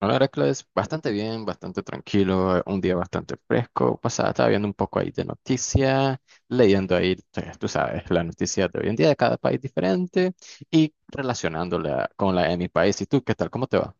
No, la verdad que lo es bastante bien, bastante tranquilo, un día bastante fresco. Pasaba, estaba viendo un poco ahí de noticias, leyendo ahí, tú sabes, las noticias de hoy en día de cada país diferente y relacionándola con la de mi país. ¿Y tú qué tal? ¿Cómo te va?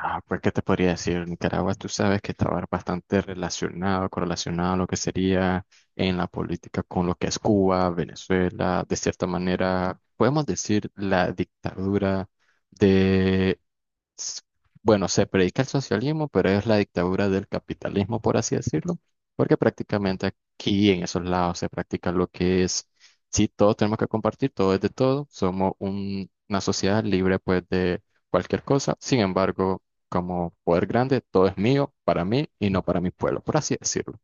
Ah, pues, ¿qué te podría decir? Nicaragua, tú sabes que estaba bastante relacionado, correlacionado a lo que sería en la política con lo que es Cuba, Venezuela, de cierta manera, podemos decir la dictadura de, s- bueno, se predica el socialismo, pero es la dictadura del capitalismo, por así decirlo, porque prácticamente aquí en esos lados se practica lo que es, si todos tenemos que compartir, todo es de todo, somos una sociedad libre pues de cualquier cosa, sin embargo como poder grande, todo es mío, para mí y no para mi pueblo, por así decirlo.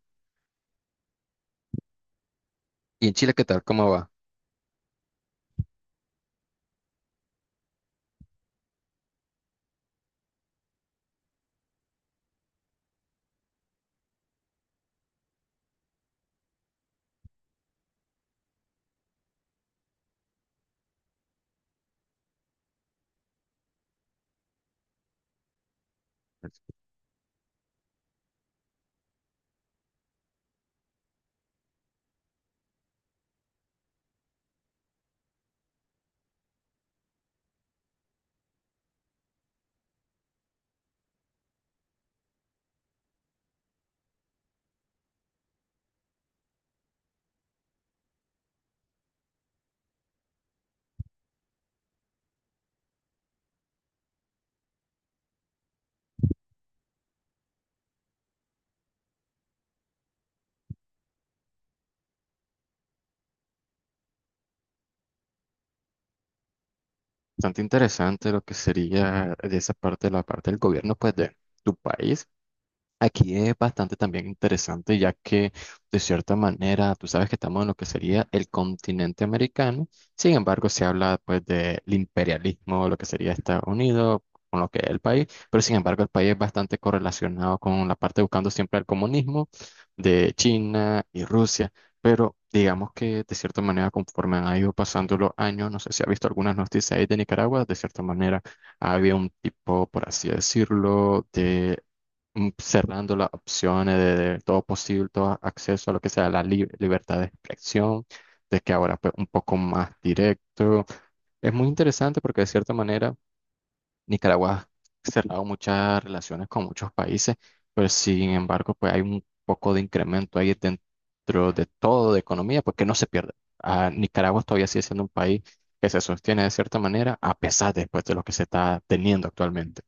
¿Y en Chile qué tal? ¿Cómo va? Bastante interesante lo que sería de esa parte, la parte del gobierno, pues de tu país. Aquí es bastante también interesante, ya que de cierta manera tú sabes que estamos en lo que sería el continente americano, sin embargo se habla pues del imperialismo, lo que sería Estados Unidos, con lo que es el país, pero sin embargo el país es bastante correlacionado con la parte buscando siempre el comunismo de China y Rusia, pero digamos que de cierta manera conforme han ido pasando los años, no sé si ha visto algunas noticias ahí de Nicaragua, de cierta manera había un tipo, por así decirlo, de cerrando las opciones de todo posible, todo acceso a lo que sea la libertad de expresión, de que ahora pues un poco más directo. Es muy interesante porque de cierta manera Nicaragua ha cerrado muchas relaciones con muchos países, pero sin embargo pues hay un poco de incremento ahí dentro de todo de economía, porque no se pierde. Ah, Nicaragua todavía sigue siendo un país que se sostiene de cierta manera a pesar después de lo que se está teniendo actualmente.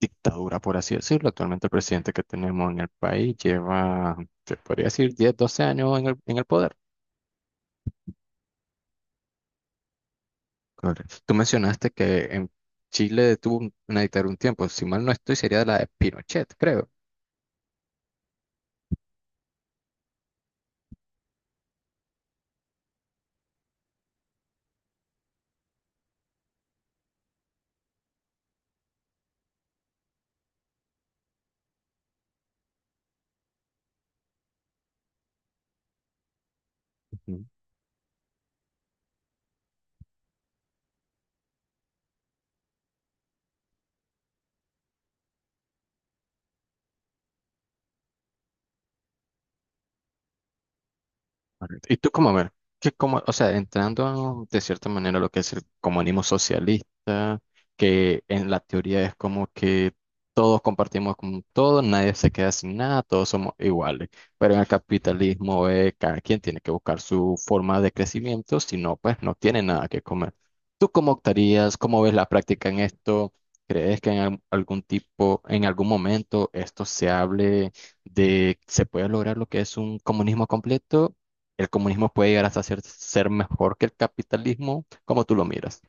Dictadura, por así decirlo. Actualmente el presidente que tenemos en el país lleva, se podría decir, 10 o 12 años en el poder. Correcto. Tú mencionaste que en Chile tuvo una dictadura un tiempo, si mal no estoy, sería la de Pinochet, creo. Ujú. Correcto. Y tú como, a ver, que como, o sea, entrando de cierta manera a lo que es el comunismo socialista, que en la teoría es como que todos compartimos con todo, nadie se queda sin nada, todos somos iguales. Pero en el capitalismo cada quien tiene que buscar su forma de crecimiento, si no, pues no tiene nada que comer. ¿Tú cómo optarías? ¿Cómo ves la práctica en esto? ¿Crees que en algún tipo, en algún momento esto se hable de se puede lograr lo que es un comunismo completo? El comunismo puede llegar hasta ser, ser mejor que el capitalismo, como tú lo miras.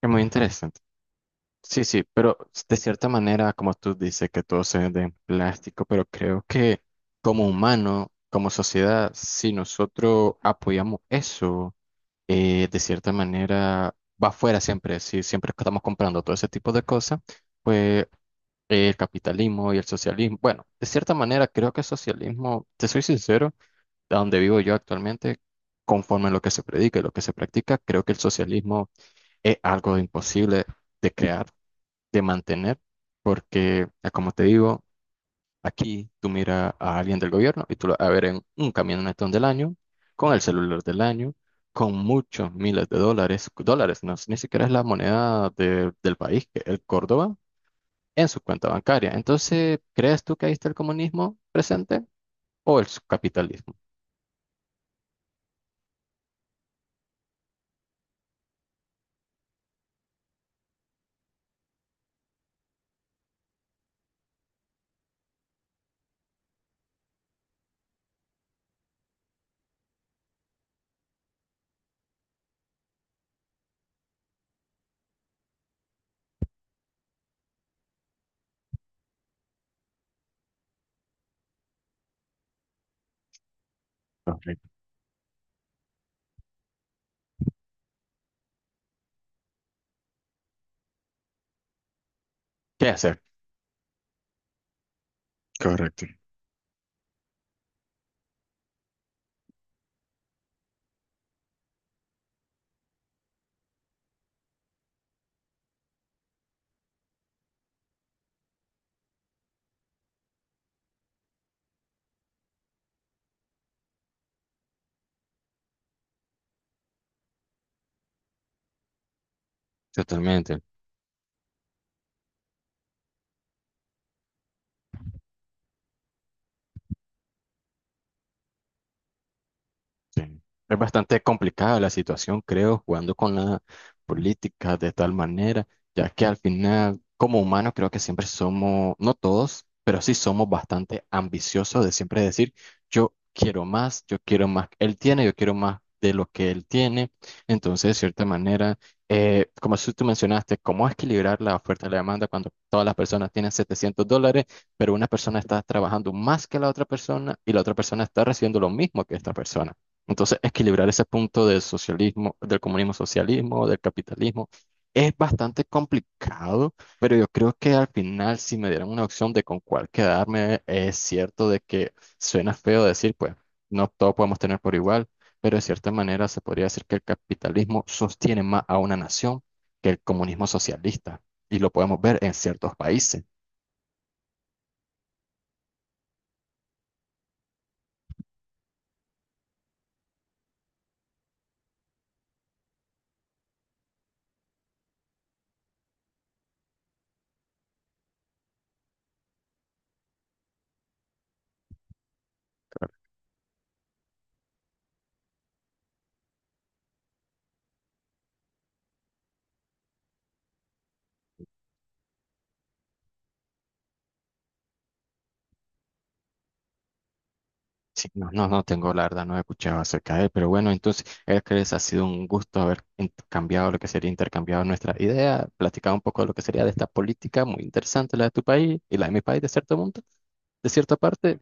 Es muy interesante. Sí, sí, pero de cierta manera, como tú dices, que todo se de plástico, pero creo que como humano, como sociedad, si nosotros apoyamos eso, de cierta manera va afuera siempre, si siempre estamos comprando todo ese tipo de cosas, pues el capitalismo y el socialismo, bueno, de cierta manera creo que el socialismo, te soy sincero, a donde vivo yo actualmente, conforme a lo que se predica y lo que se practica, creo que el socialismo es algo imposible de crear, de mantener, porque, ah, como te digo, aquí tú miras a alguien del gobierno y tú lo vas a ver en un camionetón del año, con el celular del año, con muchos miles de dólares, dólares, no, ni siquiera es la moneda del país, que es el Córdoba, en su cuenta bancaria. Entonces, ¿crees tú que ahí está el comunismo presente o el capitalismo? Correcto. ¿Qué hacer? Correcto. Totalmente. Sí. Es bastante complicada la situación, creo, jugando con la política de tal manera, ya que al final, como humanos, creo que siempre somos, no todos, pero sí somos bastante ambiciosos de siempre decir, yo quiero más que él tiene, yo quiero más de lo que él tiene. Entonces, de cierta manera, como si tú mencionaste, ¿cómo equilibrar la oferta y la demanda cuando todas las personas tienen $700, pero una persona está trabajando más que la otra persona y la otra persona está recibiendo lo mismo que esta persona? Entonces, equilibrar ese punto del socialismo, del comunismo socialismo, del capitalismo, es bastante complicado, pero yo creo que al final, si me dieran una opción de con cuál quedarme, es cierto de que suena feo decir, pues, no todos podemos tener por igual, pero de cierta manera se podría decir que el capitalismo sostiene más a una nación que el comunismo socialista, y lo podemos ver en ciertos países. Sí, no, no, no tengo, la verdad, no he escuchado acerca de él, pero bueno, entonces, Hércules, ha sido un gusto haber cambiado lo que sería intercambiado nuestra idea, platicado un poco de lo que sería de esta política muy interesante, la de tu país y la de mi país, de cierto punto, de cierta parte,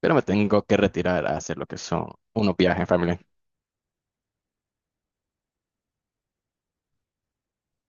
pero me tengo que retirar a hacer lo que son unos viajes familiares.